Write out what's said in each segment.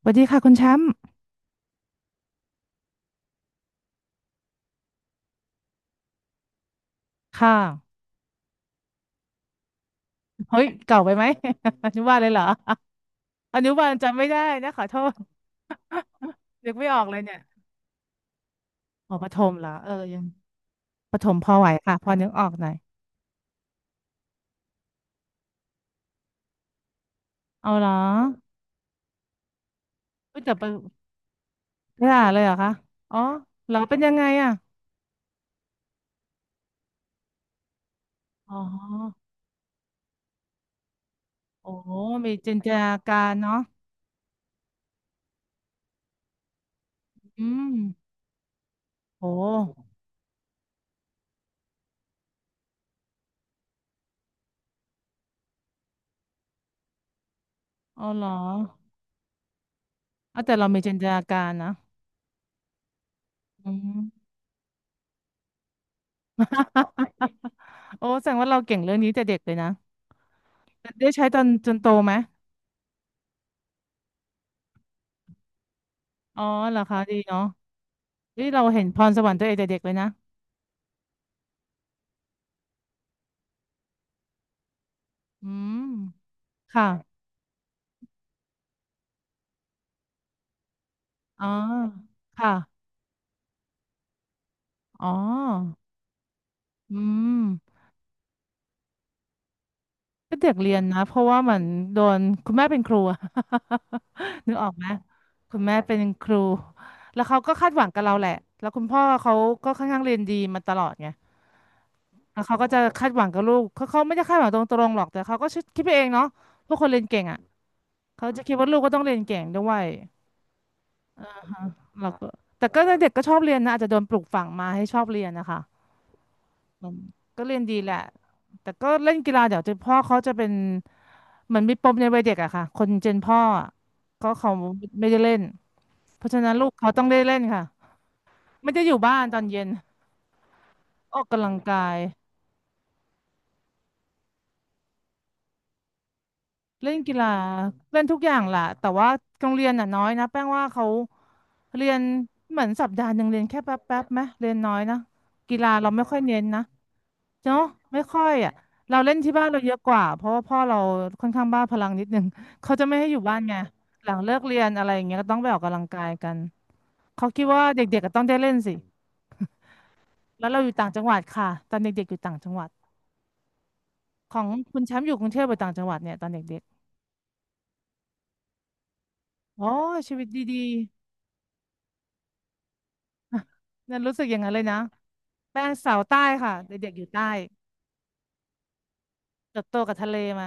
สวัสดีค่ะคุณแชมป์ค่ะ เฮ้ยเก่าไปไหม อนุบาลเลยเหรออนุบาลจำไม่ได้นะขอโทษนึกไม่ออกเลยเนี่ยอ๋อประถมเหรอเออยังประถมพอไหวค่ะพอนึกออกหน่อยเอาเหรอเฮ้ยแต่ไปไม่ได้เลยเหรอคะอ๋อเหรอเป็นยังไงอ่ะอ๋อโอ้มีจินตนาการเนาะอืมโอ้เอาเหรอเอาแต่เรามีจินตนาการนะอืม โอ้แสดงว่าเราเก่งเรื่องนี้แต่เด็กเลยนะได้ใช้ตอนจนโตไหม อ๋อเหรอคะดีเนาะนี่เราเห็นพรสวรรค์ตัวเองแต่เด็กเลยนะอืมค่ะอ๋อค่ะอ๋ออืมก็เด็กเรียนนะเพราะว่าเหมือนโดนคุณแม่เป็นครูอะ นึกออกไหมคุณแม่เป็นครูแล้วเขาก็คาดหวังกับเราแหละแล้วคุณพ่อเขาก็ค่อนข้างเรียนดีมาตลอดไงแล้วเขาก็จะคาดหวังกับลูกเขาเขาไม่ได้คาดหวังตรงๆหรอกแต่เขาก็คิดไปเองเนาะพวกคนเรียนเก่งอ่ะเขาจะคิดว่าลูกก็ต้องเรียนเก่งด้วย แก็แต่ก็เด็กก็ชอบเรียนนะอาจจะโดนปลูกฝังมาให้ชอบเรียนนะคะมันก็เรียนดีแหละแต่ก็เล่นกีฬาเดี๋ยวจะพ่อเขาจะเป็นเหมือนมีปมในวัยเด็กอะค่ะคนเจนพ่ออะก็เขาไม่ได้เล่นเพราะฉะนั้นลูกเขาต้องได้เล่นค่ะไม่ได้อยู่บ้านตอนเย็นออกกำลังกายเล่นกีฬาเล่นทุกอย่างแหละแต่ว่าโรงเรียนน่ะน้อยนะแป้งว่าเขาเรียนเหมือนสัปดาห์หนึ่งเรียนแค่แป๊บแป๊บไหมเรียนน้อยนะกีฬาเราไม่ค่อยเน้นนะ เนาะไม่ค่อยอ่ะเราเล่นที่บ้านเราเยอะกว่าเพราะว่าพ่อเราค่อนข้างบ้าพลังนิดนึง เขาจะไม่ให้อยู่บ้านไงหลังเลิกเรียนอะไรอย่างเงี้ยก็ต้องไปออกกำลังกายกันเขาคิดว่าเด็กๆก็ต้องได้เล่นสิแล้วเราอยู่ต่างจังหวัดค่ะตอนเด็กๆอยู่ต่างจังหวัดของคุณแชมป์อยู่กรุงเทพหรือต่างจังหวัดเนี่ยตอนเด็กๆอ๋อชีวิตดีๆนั่นรู้สึกอย่างนั้นเลยนะแป้งสาวใต้ค่ะเด็กๆอยู่ใต้เติบโตกับทะเลมา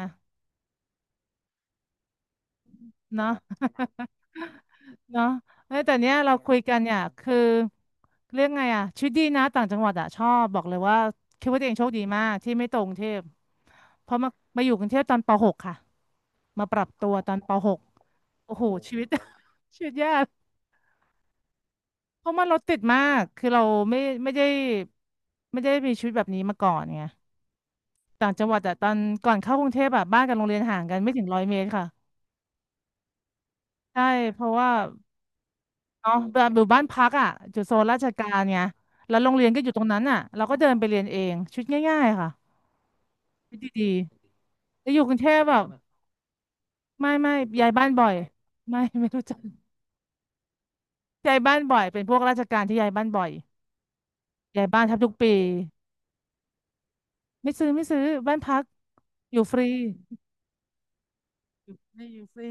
เนาะ เนาะเอ้ยแต่เนี้ยเราคุยกันเนี่ยคือเรื่องไงอ่ะชีวิตดีนะต่างจังหวัดอ่ะชอบบอกเลยว่าคิดว่าตัวเองโชคดีมากที่ไม่ตรงกรุงเทพเพราะมามาอยู่กรุงเทพตอนป .ป.6 ค่ะมาปรับตัวตอนป .ป.6 โอ้โหชีวิต ชีวิตยากเพราะมันรถติดมากคือเราไม่ไม่ได้ไม่ได้มีชีวิตแบบนี้มาก่อนไงต่างจังหวัดอ่ะตอนก่อนเข้ากรุงเทพอ่ะบ้านกับโรงเรียนห่างกันไม่ถึงร้อยเมตรค่ะใช่เพราะว่า เนาะแบบอยู่บ้านพักอ่ะอยู่โซนราชการไงแล้วโรงเรียนก็อยู่ตรงนั้นอ่ะเราก็เดินไปเรียนเองชุดง่ายๆค่ะชุดดีๆจะอยู่กรุงเทพแบบไม่ย้ายบ้านบ่อยไม่รู้จักย้ายบ้านบ่อยเป็นพวกราชการที่ย้ายบ้านบ่อยย้ายบ้านแทบทุกปีไม่ซื้อบ้านพักอยู่ฟรีอยู่ไม่อยู่ฟรี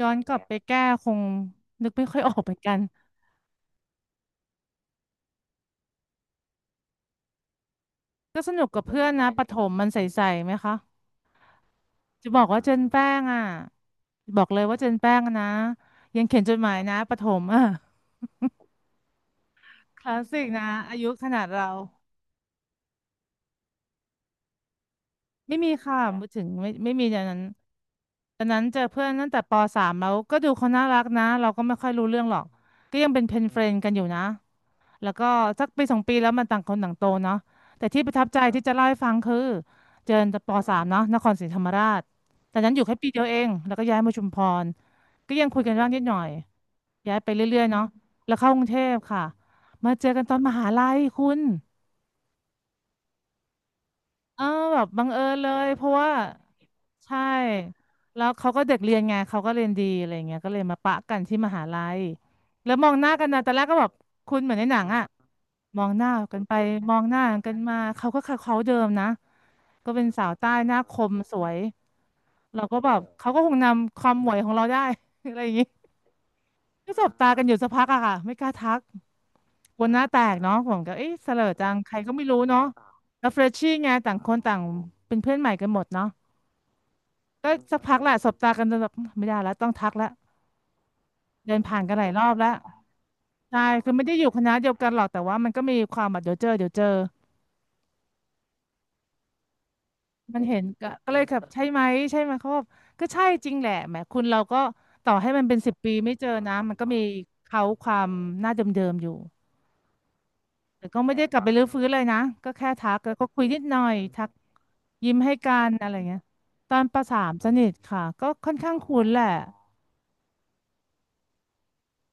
ย้อนกลับไปแก้คงนึกไม่ค่อยออกเหมือนกันก็สนุกกับเพื่อนนะประถมมันใสๆไหมคะ จะบอกว่าเจนแป้งอ่ะบอกเลยว่าเจนแป้งอะนะยังเขียนจดหมายนะประถมอ่ะคลาสสิกนะอายุขนาดเราไม่มีค่ะไม่ถึงไม่มีอย่างนั้นตอนนั้นเจอเพื่อนตั้งแต่ปสามแล้วก็ดูเขาน่ารักนะเราก็ไม่ค่อยรู้เรื่องหรอกก็ยังเป็นเพนเฟรนกันอยู่นะ แล้วก็สักปีสองปีแล้วมันต่างคนต่างโตเนาะแต่ที่ประทับใจที่จะเล่าให้ฟังคือเจอปสามเนาะนครศรีธรรมราชตอนนั้นอยู่แค่ปีเดียวเองแล้วก็ย้ายมาชุมพรก็ยังคุยกันบ้างนิดหน่อยย้ายไปเรื่อยๆเนาะแล้วเข้ากรุงเทพค่ะมาเจอกันตอนมหาลัยคุณ เออแบบบังเอิญเลยเพราะว่าใช่แล้วเขาก็เด็กเรียนไงเขาก็เรียนดีอะไรเงี้ยก็เลยมาปะกันที่มหาลัยแล้วมองหน้ากันนะตอนแรกก็แบบคุณเหมือนในหนังอะมองหน้ากันไปมองหน้ากันมาเขาก็เขาเดิมนะก็เป็นสาวใต้หน้าคมสวยเราก็แบบเขาก็คงนำความหมวยของเราได้ อะไรอย่างงี้ก็สบตากันอยู่สักพักอะค่ะไม่กล้าทักกลัวหน้าแตกเนาะผมก็เอ๊ะเสลอจังใครก็ไม่รู้เนาะแล้วเฟรชชี่ไงต่างคนต่างเป็นเพื่อนใหม่กันหมดเนาะ ก็สักพักแหละสบตากันจนแบบไม่ได้แล้วต้องทักแล้วเดินผ่านกันหลายรอบแล้วใช่คือไม่ได้อยู่คณะเดียวกันหรอกแต่ว่ามันก็มีความแบบเดี๋ยวเจอเดี๋ยวเจอมันเห็นก็เลยแบบใช่ไหมเขาบอกก็ใช่จริงแหละแหมคุณเราก็ต่อให้มันเป็นสิบปีไม่เจอนะมันก็มีเขาความหน้าเดิมๆอยู่แต่ก็ไม่ได้กลับไปรื้อฟื้นเลยนะก็แค่ทักแล้วก็คุยนิดหน่อยทักยิ้มให้กันอะไรเงี้ยตอนปสามสนิทค่ะก็ค่อนข้างคุ้นแหละ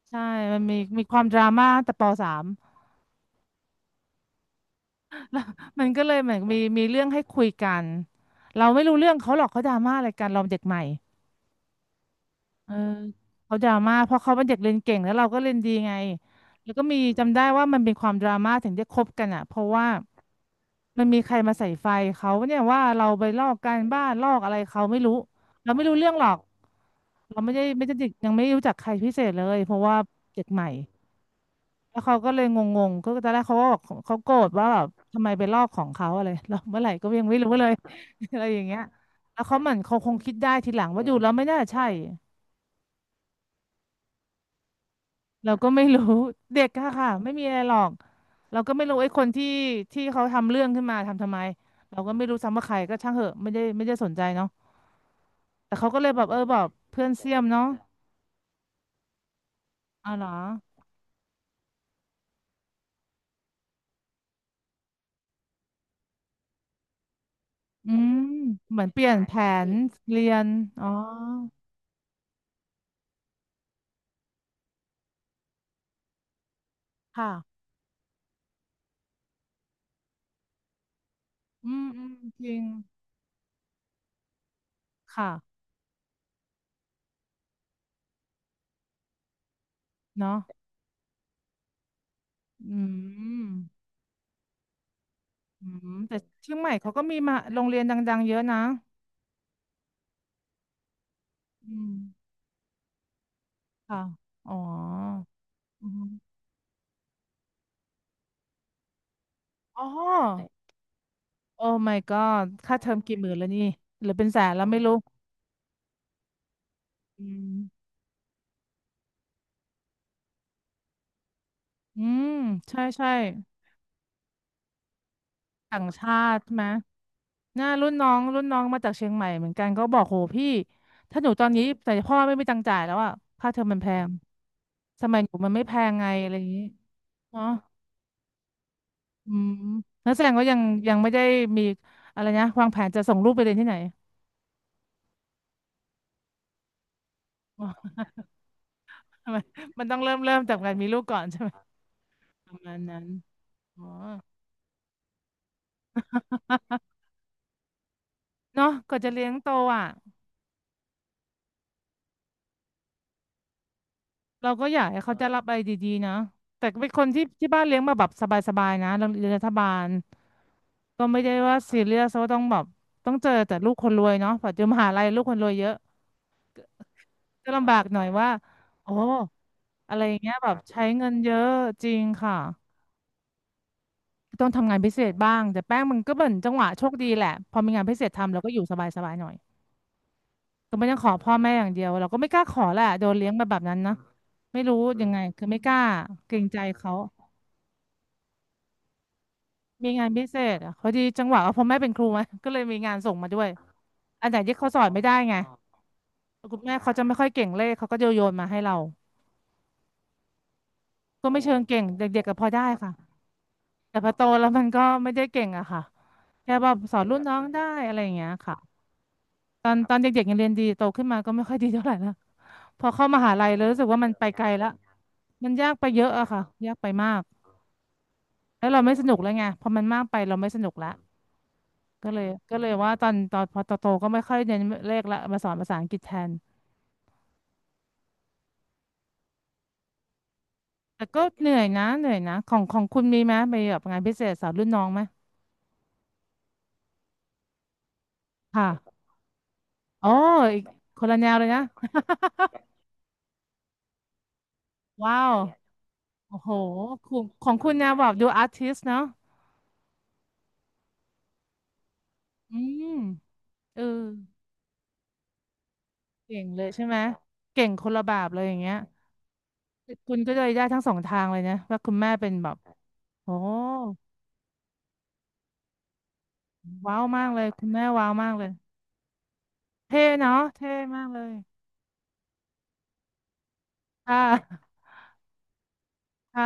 ใช่มันมีความดราม่าตั้งแต่ปสาม มันก็เลยเหมือนมีเรื่องให้คุยกันเราไม่รู้เรื่องเขาหรอกเขาดราม่าอะไรกันเราเด็กใหม่เออเขาดราม่าเพราะเขาเป็นเด็กเรียนเก่งแล้วเราก็เรียนดีไงแล้วก็มีจำได้ว่ามันเป็นความดราม่าถึงได้คบกันอ่ะเพราะว่ามันมีใครมาใส่ไฟเขาเนี่ยว่าเราไปลอกการบ้านลอกอะไรเขาไม่รู้เราไม่รู้เรื่องหรอกเราไม่ได้ยังไม่รู้จักใครพิเศษเลยเพราะว่าเด็กใหม่ แล้วเขาก็เลยงงๆก็ตอนแรกเขาก็บอกเขาโกรธว่าแบบทำไมไปลอกของเขาอะไรแล้วเมื่อไหร่ก็ยังไม่รู้เลย อะไรอย่างเงี้ยแล้วเขาเหมือนเขาคงคิดได้ทีหลังว่าดูแล้วไม่น่าใช่เราก็ไม่รู้ เด็กค่ะค่ะไม่มีอะไรหรอกเราก็ไม่รู้ไอ้คนที่เขาทำเรื่องขึ้นมาทำไม เราก็ไม่รู้ซ้ำว่าใครก็ช่างเหอะไม่ได้สนใจเนาะแต่เขาก็เลยแบบเออแบบเพื่อนเสี้ยมเนาะอ๋อเหรออืมเหมือนเปลี่ยนแผนเรียนอ๋อค่ะอืมอืมจริงค่ะ เนาะอืมอืมแต่เชียงใหม่เขาก็มีมาโรงเรียนดังๆเยอะนะอืมค่ะอ๋ออืมอ๋อโอ้ my god ค่าเทอมกี่หมื่นแล้วนี่หรือเป็นแสนแล้วไม่รู้อืมอืมใช่ใช่ต่างชาติไหมน่ารุ่นน้องมาจากเชียงใหม่เหมือนกันก็บอกโหพี่ถ้าหนูตอนนี้แต่พ่อไม่มีตังค์จ่ายแล้วอะค่าเทอมมันแพงสมัยหนูมันไม่แพงไงอะไรอย่างนี้เนาะ อืมนักแสดงก็ยังยังไม่ได้มีอะไรนะวางแผนจะส่งลูกไปเรียนที่ไหนอ๋อ ทำไมันมันต้องเริ่มจากการมีลูกก่อนใช่ไหมประมาณนั้นอ๋อ เนาะกว่อนจะเลี้ยงโตอ่ะเราก็อยากให้เขาจะรับอะไรดีๆนะแต่เป็นคนที่บ้านเลี้ยงมาแบบสบายๆนะเราเรียนรัฐบาลก็ไม่ได้ว่าซีเรียสว่าต้องแบบต้องเจอแต่ลูกคนรวยเนาะปัจจุบันมหาลัยลูกคนรวยเยอะจะลำบากหน่อยว่าโอ้อะไรอย่างเงี้ยแบบใช้เงินเยอะจริงค่ะ ต้องทำงานพิเศษบ้างแต่แป้งมันก็เป็นจังหวะโชคดีแหละพอมีงานพิเศษทำเราก็อยู่สบายๆหน่อยก็ไม่ต้องขอพ่อแม่อย่างเดียวเราก็ไม่กล้าขอแหละโดนเลี้ยงมาแบบนั้นนะไม่รู้ยังไงคือไม่กล้าเกรงใจเขามีงานพิเศษอ่ะพอดีจังหวะว่าพ่อแม่เป็นครูไง ก็เลยมีงานส่งมาด้วยอันไหนที่เขาสอนไม่ได้ไงคุณแม่เขาจะไม่ค่อยเก่งเลขเขาก็โยนมาให้เราก็ไม่เชิงเก่งเด็กๆก็พอได้ค่ะแต่พอโตแล้วมันก็ไม่ได้เก่งอะค่ะแค่แบบสอนรุ่นน้องได้อะไรอย่างเงี้ยค่ะ ตอนเด็กๆยังเรียนดีโตขึ้นมาก็ไม่ค่อยดีเท่าไหร่ละพอเข้ามหาลัยเลยรู้สึกว่ามันไปไกลละมันยากไปเยอะอะค่ะยากไปมากแล้วเราไม่สนุกแล้วไงพอมันมากไปเราไม่สนุกละก็เลยว่าตอนพอโตก็ไม่ค่อยเรียนเลขละมาสอนภาษาอังกฤษแทนแต่ก็เหนื่อยนะของคุณมีไหมไปแบบงานพิเศษสอนรุ่นน้องไหมค่ะอ๋ออีกคนละแนวเลยนะว้าวโอ้โหของคุณแนวแบบดูอาร์ติสเนาะอืมเออ เก่งเลยใช่ไหมเก่งคนละแบบเลยอย่างเงี้ยคุณก็เลยได้ทั้งสองทางเลยนะว่าคุณแม่เป็นแบบโอ้ว้าวมากเลยคุณแม่ว้าวมากเลยเท่เนาะเท่มากเลยค่ะค่ะ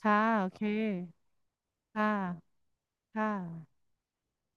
ค่ะโอเคค่ะค่ะ